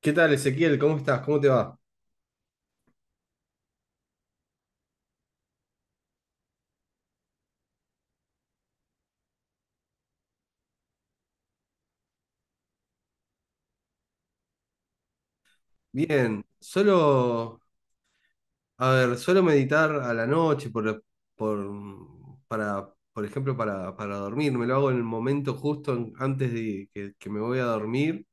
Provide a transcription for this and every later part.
¿Qué tal, Ezequiel? ¿Cómo estás? ¿Cómo te va? Bien, solo, a ver, solo meditar a la noche por, para, para dormir. Me lo hago en el momento justo antes de que me voy a dormir.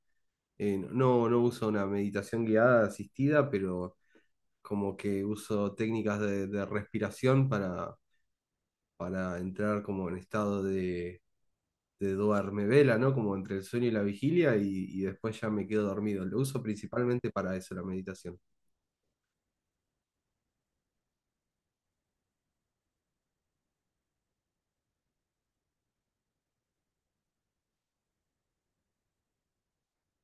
No, no uso una meditación guiada, asistida, pero como que uso técnicas de respiración para entrar como en estado de duerme vela, ¿no? Como entre el sueño y la vigilia y después ya me quedo dormido. Lo uso principalmente para eso, la meditación.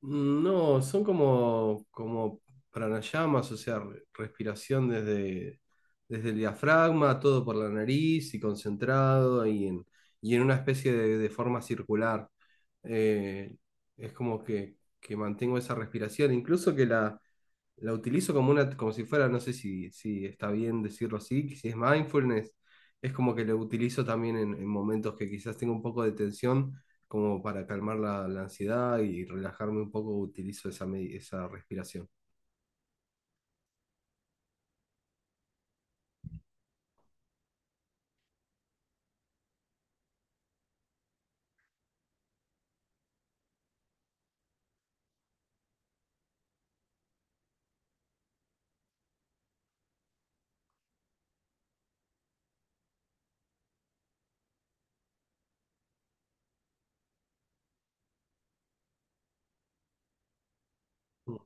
Mm, no, son como pranayamas, o sea, respiración desde el diafragma, todo por la nariz y concentrado y en una especie de forma circular. Eh, es como que mantengo esa respiración, incluso que la utilizo como una, como si fuera, no sé si está bien decirlo así, que si es mindfulness, es como que lo utilizo también en momentos que quizás tengo un poco de tensión, como para calmar la ansiedad y relajarme un poco, utilizo esa, esa respiración. Mm,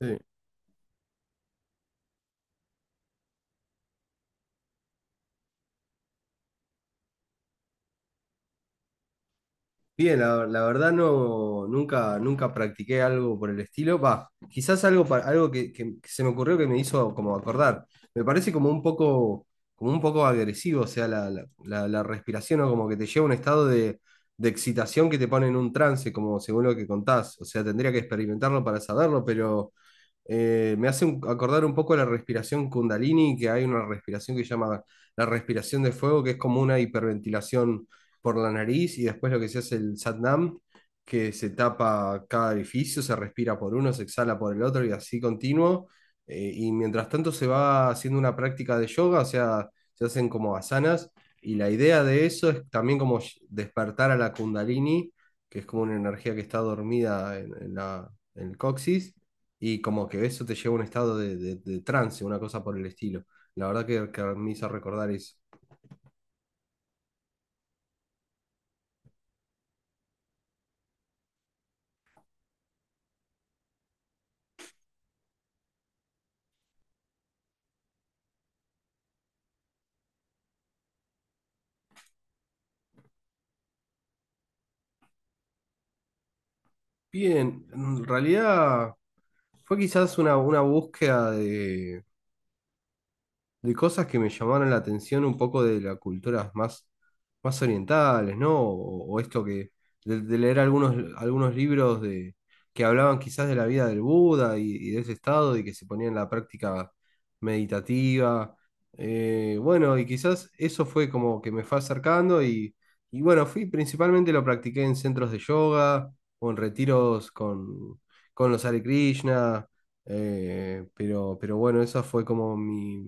sí. Bien, la verdad no, nunca practiqué algo por el estilo. Va, quizás algo, que se me ocurrió que me hizo como acordar. Me parece como un poco agresivo, o sea, la respiración o como que te lleva a un estado de excitación que te pone en un trance, como según lo que contás. O sea, tendría que experimentarlo para saberlo, pero me hace acordar un poco la respiración Kundalini, que hay una respiración que se llama la respiración de fuego, que es como una hiperventilación por la nariz, y después lo que se hace el Satnam, que se tapa cada orificio, se respira por uno, se exhala por el otro, y así continuo. Y mientras tanto se va haciendo una práctica de yoga, o sea, se hacen como asanas, y la idea de eso es también como despertar a la Kundalini, que es como una energía que está dormida en la, en el coxis y como que eso te lleva a un estado de, de trance, una cosa por el estilo. La verdad que me hizo recordar eso. Bien, en realidad fue quizás una búsqueda de cosas que me llamaron la atención un poco de las culturas más, más orientales, ¿no? O esto que de leer algunos, algunos libros de, que hablaban quizás de la vida del Buda y de ese estado y que se ponía en la práctica meditativa. Bueno, y quizás eso fue como que me fue acercando y bueno, fui principalmente lo practiqué en centros de yoga o en retiros con los Hare Krishna. Pero bueno, esa fue como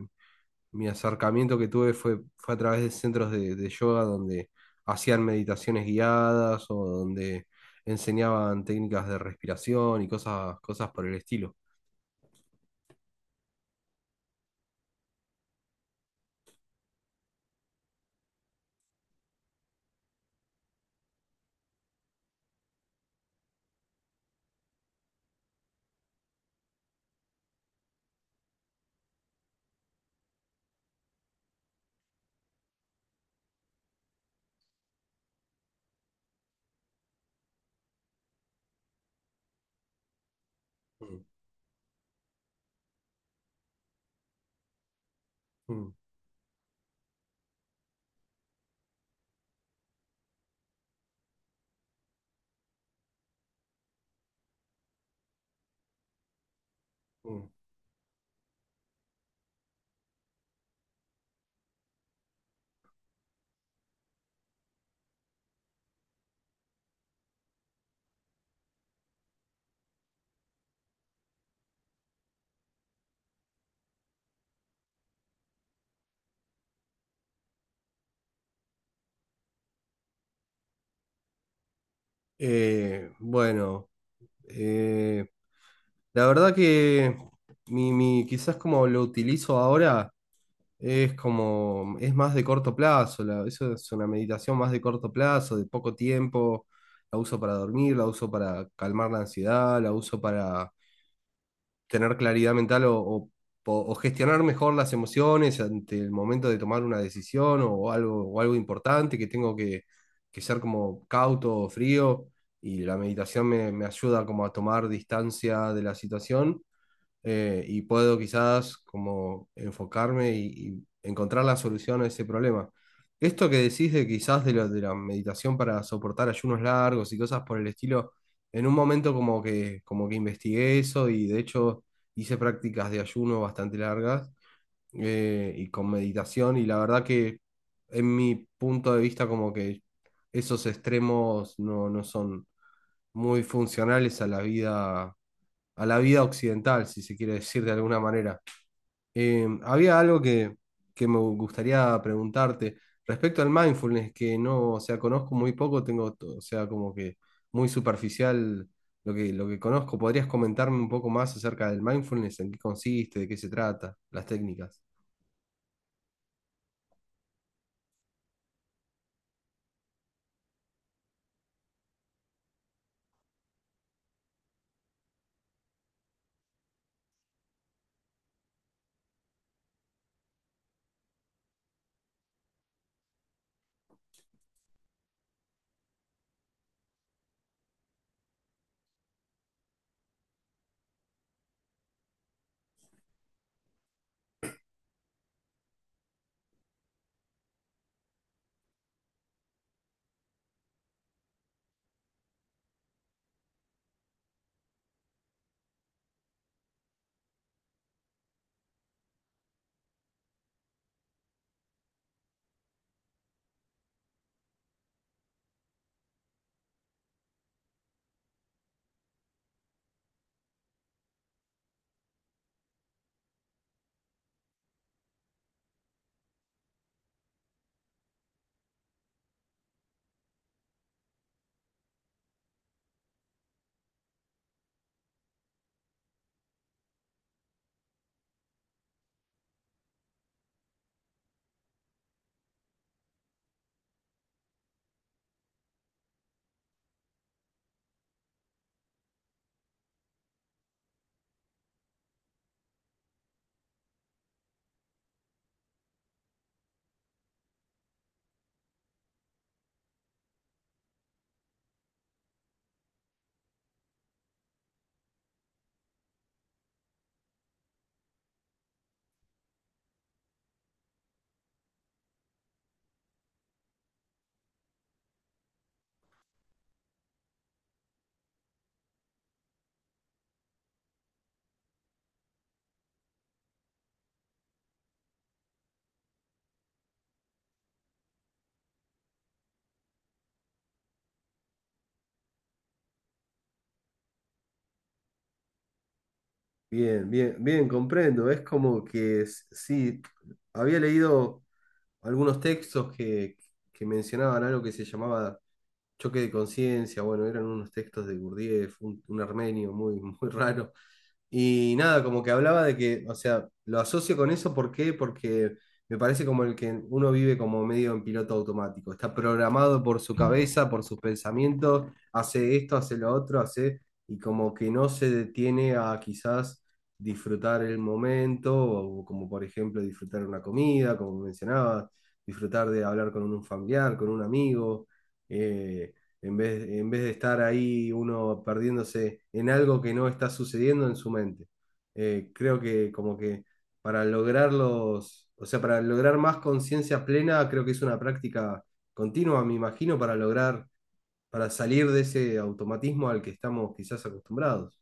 mi acercamiento que tuve fue, fue a través de centros de yoga donde hacían meditaciones guiadas o donde enseñaban técnicas de respiración y cosas, cosas por el estilo. Mm, mm, mm. Bueno, eh, la verdad que quizás como lo utilizo ahora es como, es más de corto plazo, eso es una meditación más de corto plazo, de poco tiempo, la uso para dormir, la uso para calmar la ansiedad, la uso tener claridad mental gestionar mejor las emociones ante el momento de tomar una decisión o algo importante que tengo que ser como cauto o frío y la meditación me ayuda como a tomar distancia de la situación y puedo quizás como enfocarme y encontrar la solución a ese problema. Esto que decís de quizás de, de la meditación para soportar ayunos largos y cosas por el estilo, en un momento como como que investigué eso y de hecho hice prácticas de ayuno bastante largas y con meditación y la verdad que en mi punto de vista como que esos extremos no, no son muy funcionales a la vida occidental, si se quiere decir de alguna manera. Había algo que me gustaría preguntarte respecto al mindfulness, que no, o sea, conozco muy poco, o sea, como que muy superficial lo lo que conozco. ¿Podrías comentarme un poco más acerca del mindfulness, en qué consiste, de qué se trata, las técnicas? Bien, bien, bien, comprendo. Es como que sí, había leído algunos textos que mencionaban algo que se llamaba Choque de conciencia, bueno, eran unos textos de Gurdjieff, un armenio muy, muy raro. Y nada, como que hablaba de que, o sea, lo asocio con eso, ¿por qué? Porque me parece como el que uno vive como medio en piloto automático, está programado por su cabeza, por sus pensamientos, hace esto, hace lo otro, hace, y como que no se detiene a quizás disfrutar el momento, o como por ejemplo disfrutar una comida, como mencionabas, disfrutar de hablar con un familiar, con un amigo eh, en vez de estar ahí uno perdiéndose en algo que no está sucediendo en su mente. Creo que como que para lograr los, o sea, para lograr más conciencia plena, creo que es una práctica continua, me imagino, para lograr, para salir de ese automatismo al que estamos quizás acostumbrados.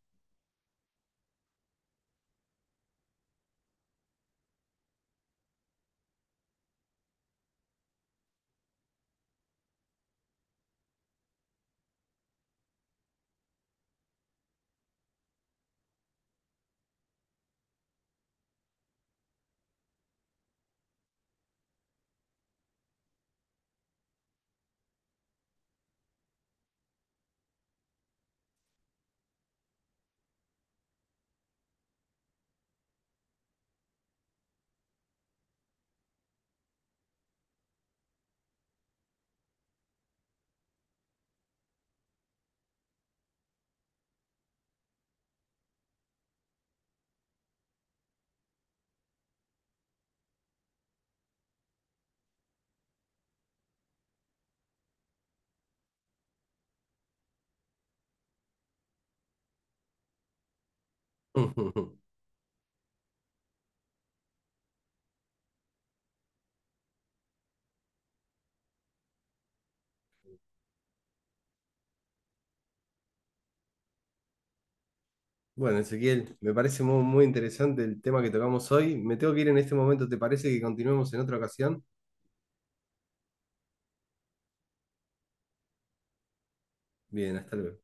Bueno, Ezequiel, me parece muy, muy interesante el tema que tocamos hoy. Me tengo que ir en este momento, ¿te parece que continuemos en otra ocasión? Bien, hasta luego.